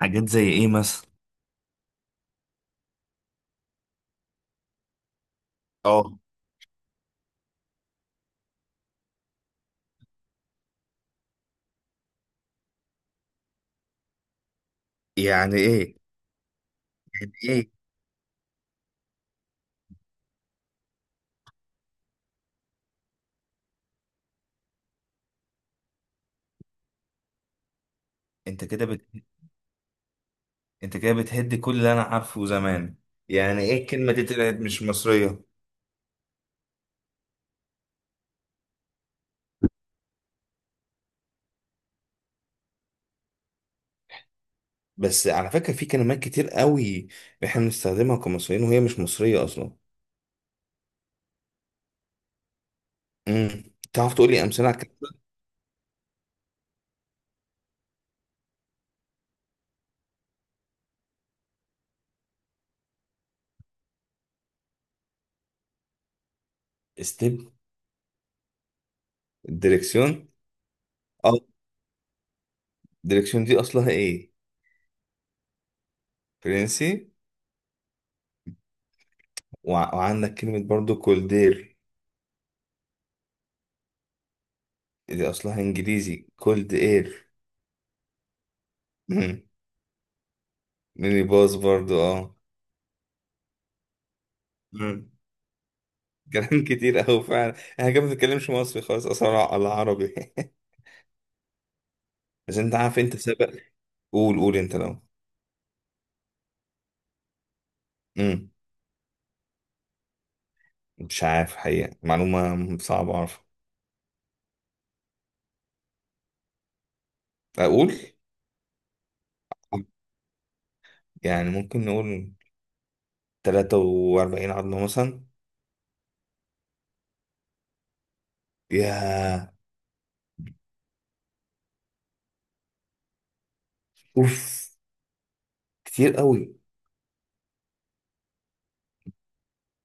حاجات زي ايه مثلا؟ اه. يعني ايه؟ يعني ايه؟ انت كده بت... انت كده بتهد كل اللي انا عارفه زمان. يعني ايه الكلمه دي طلعت مش مصريه؟ بس على فكره، في كلمات كتير قوي احنا بنستخدمها كمصريين وهي مش مصريه اصلا. امم. تعرف تقول لي امثله على الكلام ده؟ استيب. الدركسيون. اه. الدركسيون دي اصلها ايه؟ فرنسي. وعندك كلمه برضو كولدير. دي اصلها انجليزي، كولد اير. مم. ميني باص برضو، اه. كلام كتير قوي فعلا. احنا كده ما بنتكلمش مصري خالص اصلا على العربي. بس انت عارف انت سبق. قول انت لو. امم. مش عارف حقيقة، معلومة صعبة اعرف. اقول؟ يعني ممكن نقول 43 عظمة مثلا. يا. اوف، كتير قوي.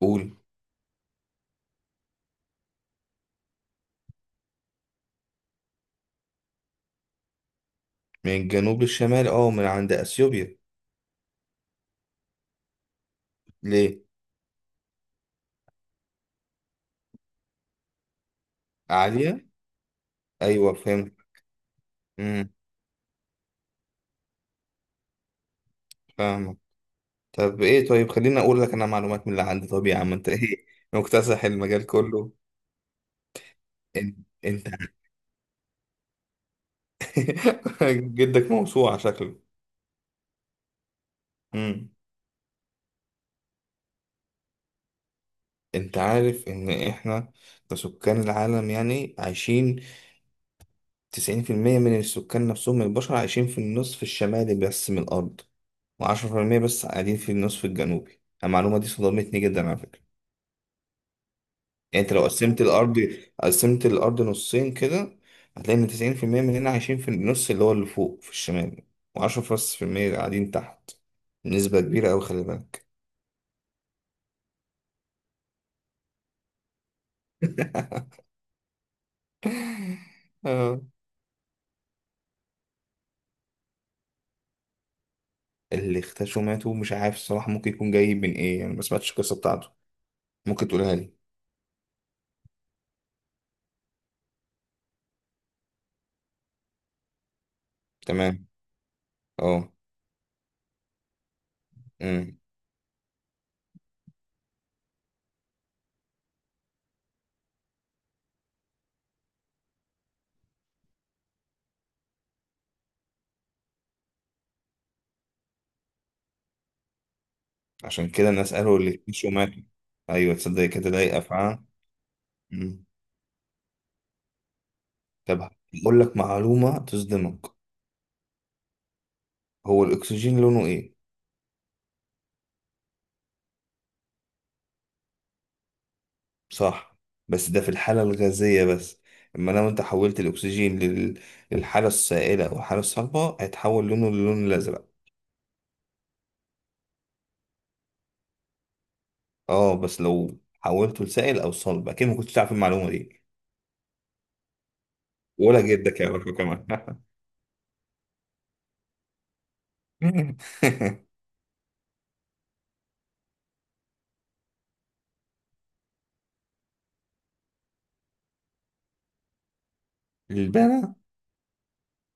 قول. من الجنوب للشمال، اه، من عند اثيوبيا. ليه؟ عالية. ايوه فهمت. امم. فاهمك. طب ايه؟ طيب خليني اقول لك انا معلومات من اللي عندي. طب يا عم انت ايه؟ مكتسح المجال كله. انت انت. جدك موسوعة شكله. امم. انت عارف ان احنا كسكان العالم يعني عايشين 90% من السكان، نفسهم من البشر عايشين في النصف الشمالي بس من الارض، و10% بس قاعدين في النصف الجنوبي. المعلومة دي صدمتني جدا على فكرة. يعني انت لو قسمت الارض نصين كده، هتلاقي ان 90% مننا عايشين في النص اللي هو اللي فوق في الشمال، و10% قاعدين تحت. نسبة كبيرة أوي، خلي بالك. اه اللي اختشوا ماتوا؟ مش عارف الصراحة، ممكن يكون جاي من ايه يعني؟ ما سمعتش القصة بتاعته، ممكن تقولها لي. تمام. اه. امم. عشان كده الناس قالوا اللي اختشوا ماتوا. ايوه، تصدق كده لايقة فعلا. امم. طب، هقول لك معلومة تصدمك. هو الاكسجين لونه ايه؟ صح، بس ده في الحالة الغازية بس. اما لو انت حولت الاكسجين للحالة السائلة او الحالة الصلبة هيتحول لونه للون الازرق. اه، بس لو حولته لسائل او صلب، اكيد ما كنتش تعرف المعلومة دي. ولا جدك يعرفها كمان. البنا.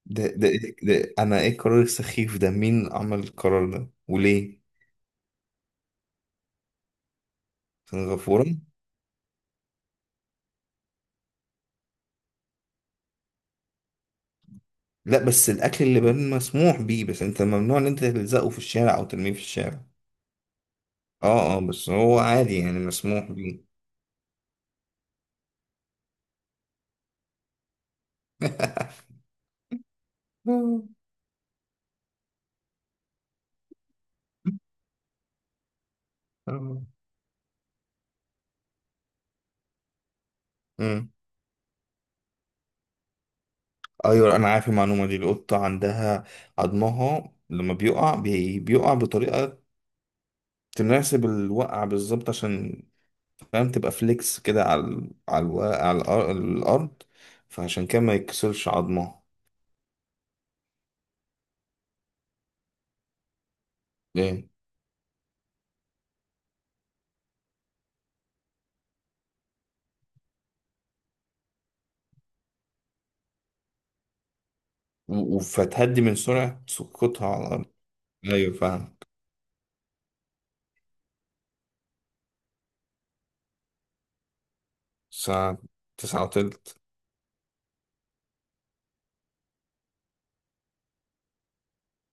ده إيه؟ ده انا ايه القرار السخيف ده؟ مين عمل القرار ده وليه؟ سنغافورة. لا بس الاكل اللي بان مسموح بيه، بس انت ممنوع ان انت تلزقه في الشارع او ترميه في الشارع. اه اه، بس هو عادي يعني، مسموح بيه. امم. ايوه انا عارف المعلومه دي، القطه عندها عظمها لما بيقع بيقع بطريقه تناسب الوقع بالظبط، عشان فاهم تبقى فليكس كده على الارض. فعشان كده ما يتكسرش عظمها. ليه؟ فتهدي من سرعة سقوطها على الارض. ايوه فاهم. ساعة 9:20.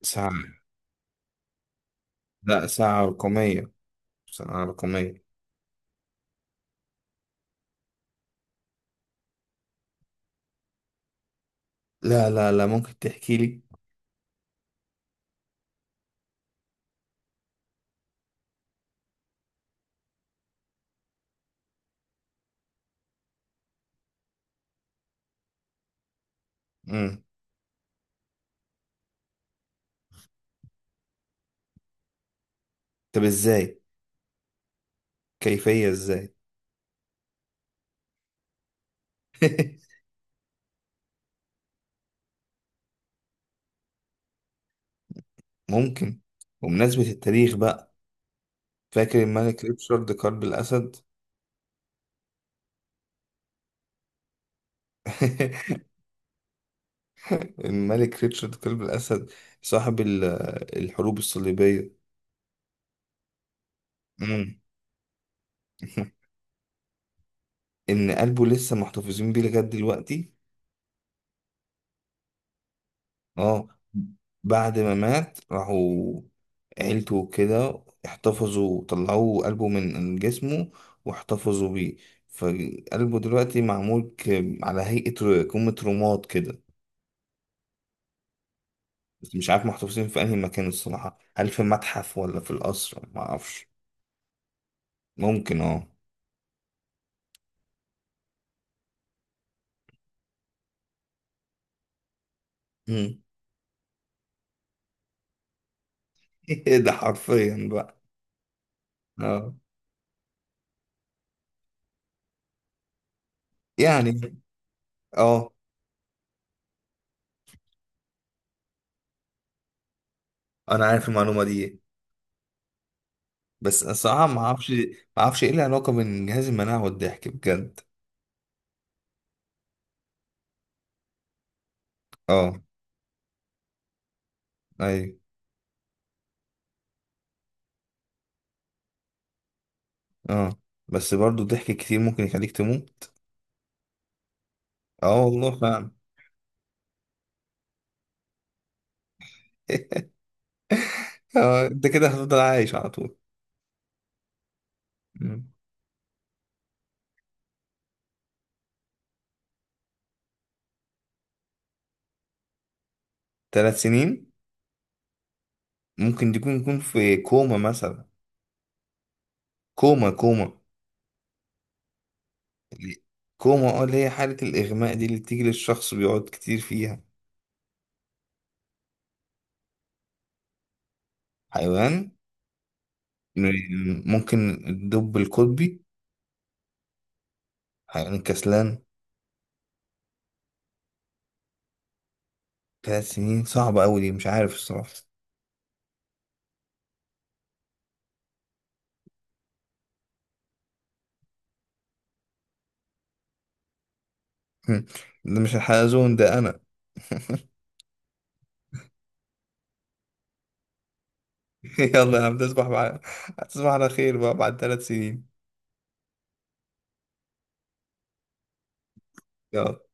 ساعة، لا ساعة رقمية. ساعة رقمية. لا لا لا، ممكن تحكي لي. مم. طب ازاي؟ كيفية ازاي؟ ممكن. وبمناسبة التاريخ بقى، فاكر الملك ريتشارد قلب الأسد؟ الملك ريتشارد قلب الأسد صاحب الحروب الصليبية. مم. إن قلبه لسه محتفظين بيه لغاية دلوقتي. اه، بعد ما مات راحوا عيلته وكده، احتفظوا طلعوا قلبه من جسمه واحتفظوا بيه. فقلبه دلوقتي معمول على هيئة كومة رماد كده. بس مش عارف محتفظين في أنهي مكان الصراحة، هل في متحف ولا في القصر، ما أعرفش. ممكن، اه. مم. ده حرفيا بقى. اه. يعني، اه، انا عارف المعلومه دي، بس الصراحه ما اعرفش، ما اعرفش ايه العلاقه بين جهاز المناعه والضحك بجد. اه. ايوه. اه، بس برضو الضحك كتير ممكن يخليك تموت. اه والله فعلا. اه، انت كده هتفضل عايش على طول. مم. ثلاث سنين؟ ممكن تكون، يكون في كوما مثلا. كوما، كوما. اللي- كوما، اه، اللي هي حالة الإغماء دي اللي بتيجي للشخص بيقعد كتير فيها. حيوان؟ ممكن الدب القطبي. حيوان كسلان. ثلاث سنين صعبة أوي دي، مش عارف الصراحة. هم. ده مش الحلزون ده أنا. يلا يا عم تصبح بقى، تصبح على خير بقى بعد 3 سنين. يلا.